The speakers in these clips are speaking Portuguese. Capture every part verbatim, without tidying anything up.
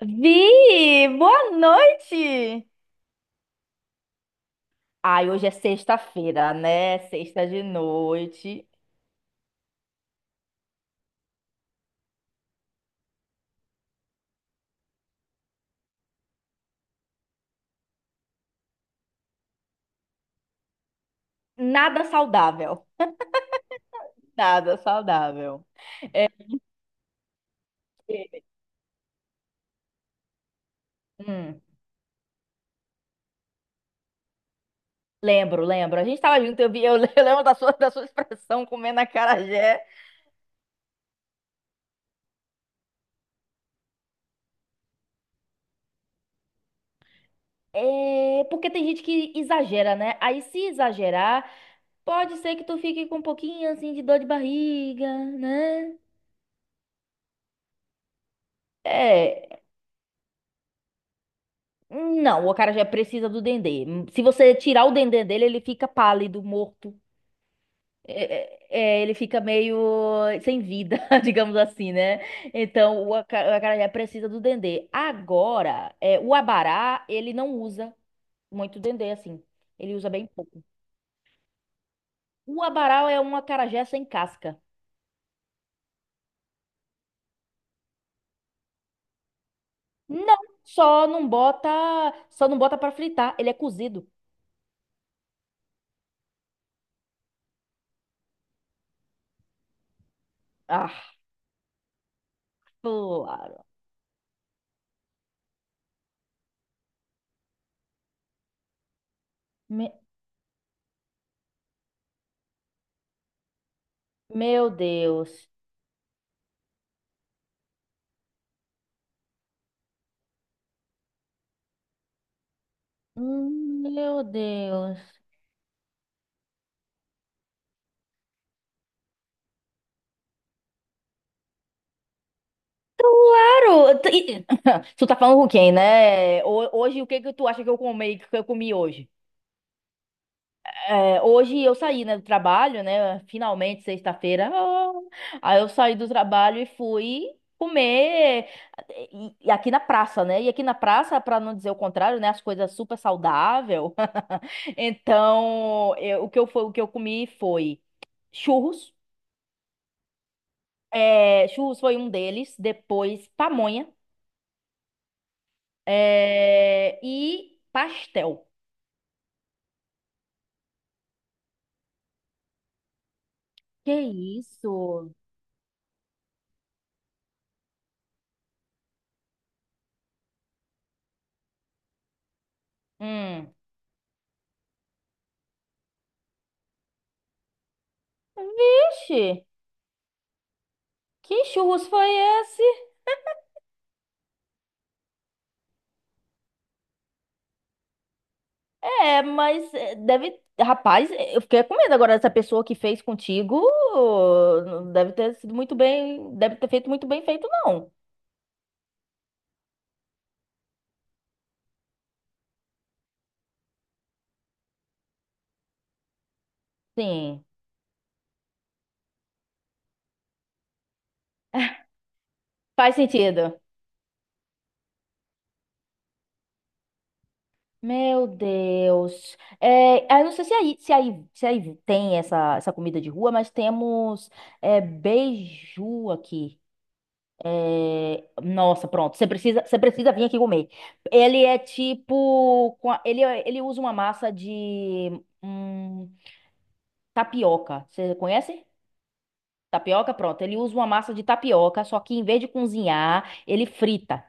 Vi, boa noite. Ai, hoje é sexta-feira, né? Sexta de noite. Nada saudável. Nada saudável. Hum, Lembro, lembro. A gente tava junto, eu vi, eu lembro da sua, da sua expressão comendo acarajé. É, porque tem gente que exagera, né? Aí se exagerar, pode ser que tu fique com um pouquinho assim de dor de barriga, né? É, não, o acarajé precisa do dendê. Se você tirar o dendê dele, ele fica pálido, morto. É, é, é, ele fica meio sem vida, digamos assim, né? Então, o aca- o acarajé precisa do dendê. Agora, é, o abará, ele não usa muito dendê, assim. Ele usa bem pouco. O abará é um acarajé sem casca. Não, só não bota, só não bota para fritar. Ele é cozido. Ah, claro. Me- Meu Deus. Hum, Meu Deus. Claro, tu e- tu tá falando com quem, né? Ho- Hoje, o que que tu acha que eu comi, que eu comi hoje? É, hoje eu saí, né, do trabalho, né? Finalmente, sexta-feira. Ah, aí eu saí do trabalho e fui comer e, e aqui na praça, né? E aqui na praça, pra não dizer o contrário, né? As coisas super saudável. Então, eu- o que eu, foi, o que eu comi foi churros. É, churros foi um deles. Depois, pamonha. É, e pastel. Que isso? Hum. Vixe, que churros foi esse? É, mas é, deve. Rapaz, eh, eu fiquei com medo agora dessa pessoa que fez contigo. Ô, não deve ter sido muito bem. Deve ter feito muito bem feito, não. Sim, faz sentido. Meu Deus. É, ah, eu não sei se aí, se aí, se aí tem essa, essa comida de rua, mas temos, é, beiju aqui. É, nossa, pronto. Você precisa, você precisa vir aqui comer. Ele é tipo, com a- ele, é- ele usa uma massa de hum, tapioca. Você conhece? Tapioca, pronto. Ele usa uma massa de tapioca, só que em vez de cozinhar, ele frita.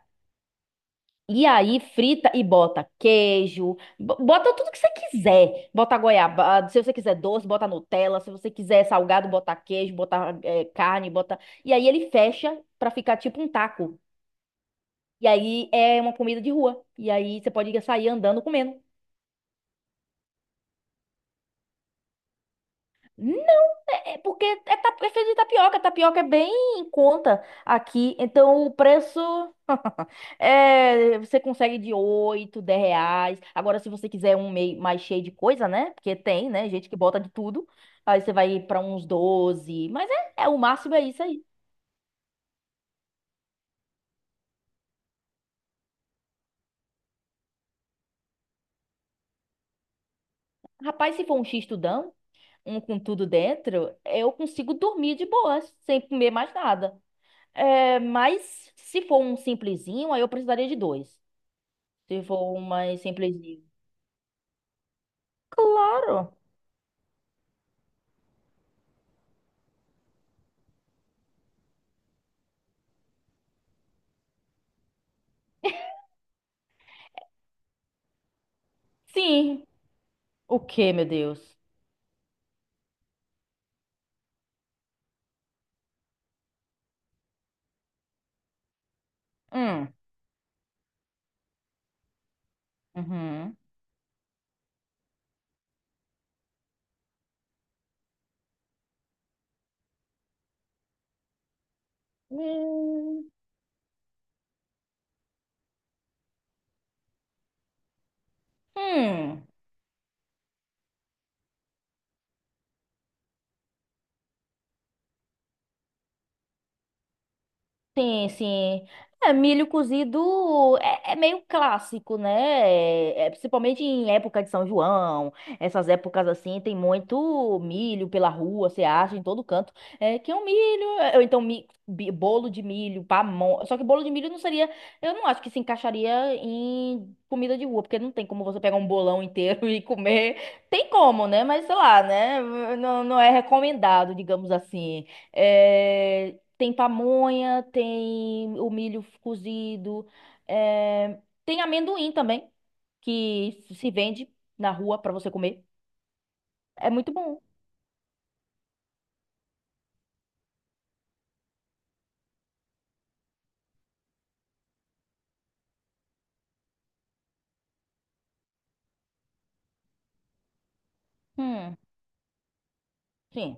E aí frita e bota queijo, bo- bota tudo que você quiser. Bota goiabada, se você quiser doce, bota Nutella, se você quiser salgado, bota queijo, bota, eh, carne, bota. E aí ele fecha pra ficar tipo um taco. E aí é uma comida de rua. E aí você pode sair andando comendo. Não, é é porque é, ta- é feito de tapioca. Tapioca é bem em conta aqui. Então o preço é, você consegue de oito, dez reais. Agora, se você quiser um meio mais cheio de coisa, né? Porque tem, né? Gente que bota de tudo. Aí você vai pra uns doze. Mas é, é o máximo é isso aí. Rapaz, se for um x-tudão, um com tudo dentro, eu consigo dormir de boas, sem comer mais nada. É, mas se for um simplesinho, aí eu precisaria de dois. Se for um mais simplesinho. Claro. Sim. O quê, meu Deus? Hum. Uhum. Hum. Hum. Sim, sim. É, milho cozido é, é meio clássico, né? É, principalmente em época de São João, essas épocas assim, tem muito milho pela rua, você acha em todo canto. É, que é um milho, é, ou então mi- bi- bolo de milho, pamonha. Só que bolo de milho não seria, eu não acho que se encaixaria em comida de rua, porque não tem como você pegar um bolão inteiro e comer. Tem como, né? Mas sei lá, né? Não, não é recomendado, digamos assim. É, tem pamonha, tem o milho cozido, eh, tem amendoim também, que se vende na rua pra você comer. É muito bom. Hum, sim.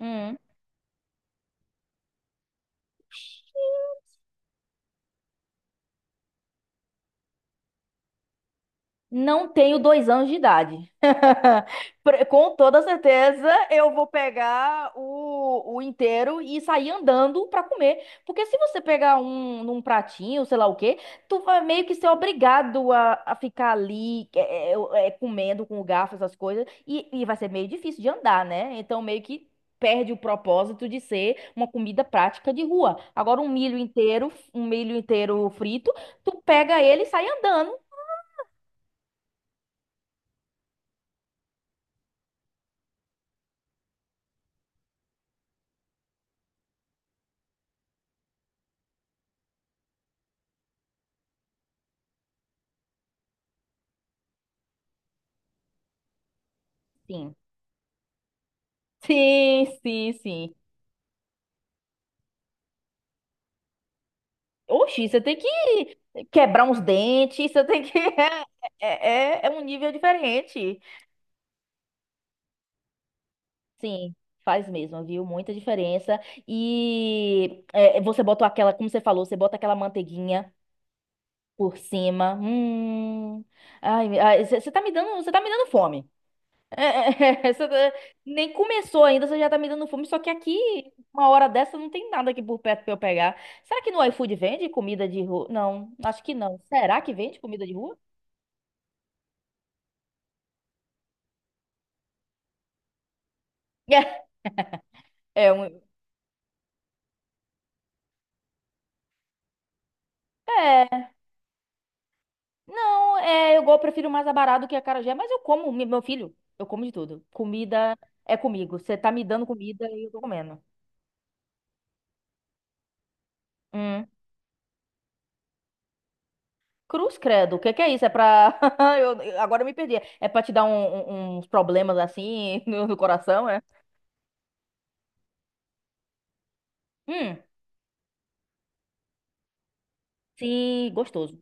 Hum. Não tenho dois anos de idade. Pre- Com toda certeza, eu vou pegar o, o inteiro e sair andando pra comer. Porque se você pegar um num pratinho, sei lá o quê, tu vai meio que ser obrigado a, a ficar ali, é, é, é, comendo com o garfo, essas coisas. E, e vai ser meio difícil de andar, né? Então, meio que perde o propósito de ser uma comida prática de rua. Agora, um milho inteiro, um milho inteiro frito, tu pega ele e sai andando. Sim. Sim, sim, sim. Oxi, você tem que quebrar uns dentes, você tem que. É, é, é um nível diferente. Sim, faz mesmo, viu? Muita diferença. E, é, é, você botou aquela, como você falou, você bota aquela manteiguinha por cima. Hum. Ai, ai, você você tá me dando, você tá me dando fome. É, essa da- nem começou ainda, você já tá me dando fome. Só que aqui, uma hora dessa, não tem nada aqui por perto pra eu pegar. Será que no iFood vende comida de rua? Não, acho que não. Será que vende comida de rua? É, um, é. Não, é, eu go- prefiro mais abará do que acarajé, mas eu como, me- meu filho, eu como de tudo. Comida é comigo. Você tá me dando comida e eu tô comendo. Hum. Cruz credo, o que que é isso? É pra. Eu, eu- agora eu me perdi. É pra te dar um- um- uns problemas assim no, no coração, é? Hum. Sim, gostoso.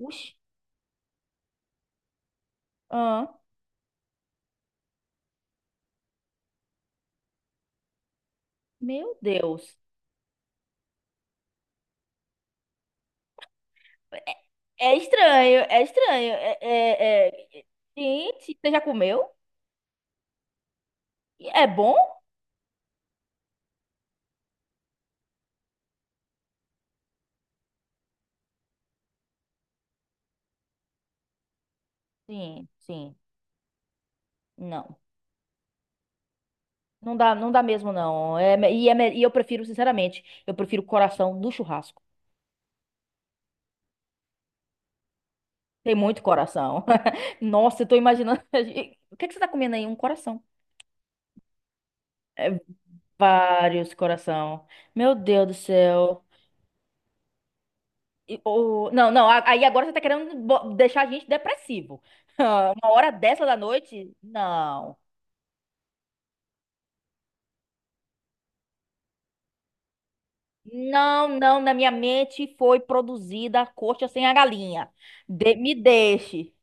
Ux, ah, meu Deus. É, é estranho, é estranho. É, é, é- é- Gente, você já comeu? E é bom? Sim, sim. Não. Não dá, não dá mesmo, não. É, me- e, é me- e eu prefiro, sinceramente, eu prefiro o coração do churrasco. Tem muito coração. Nossa, eu tô imaginando. O que é que você tá comendo aí? Um coração. É, vários coração. Meu Deus do céu. E o- Não, não, a- aí agora você tá querendo bo- deixar a gente depressivo. Uma hora dessa da noite? Não. Não, não, na minha mente foi produzida a coxa sem a galinha. De- me deixe.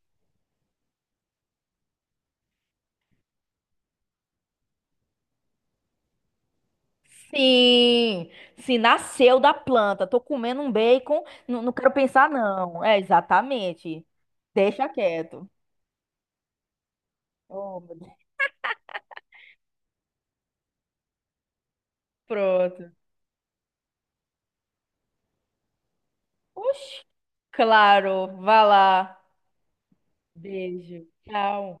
Sim, se nasceu da planta. Tô comendo um bacon, não, não quero pensar, não. É, exatamente. Deixa quieto. Oh, meu Deus. Pronto. Oxi. Claro, vá lá. Beijo. Tchau.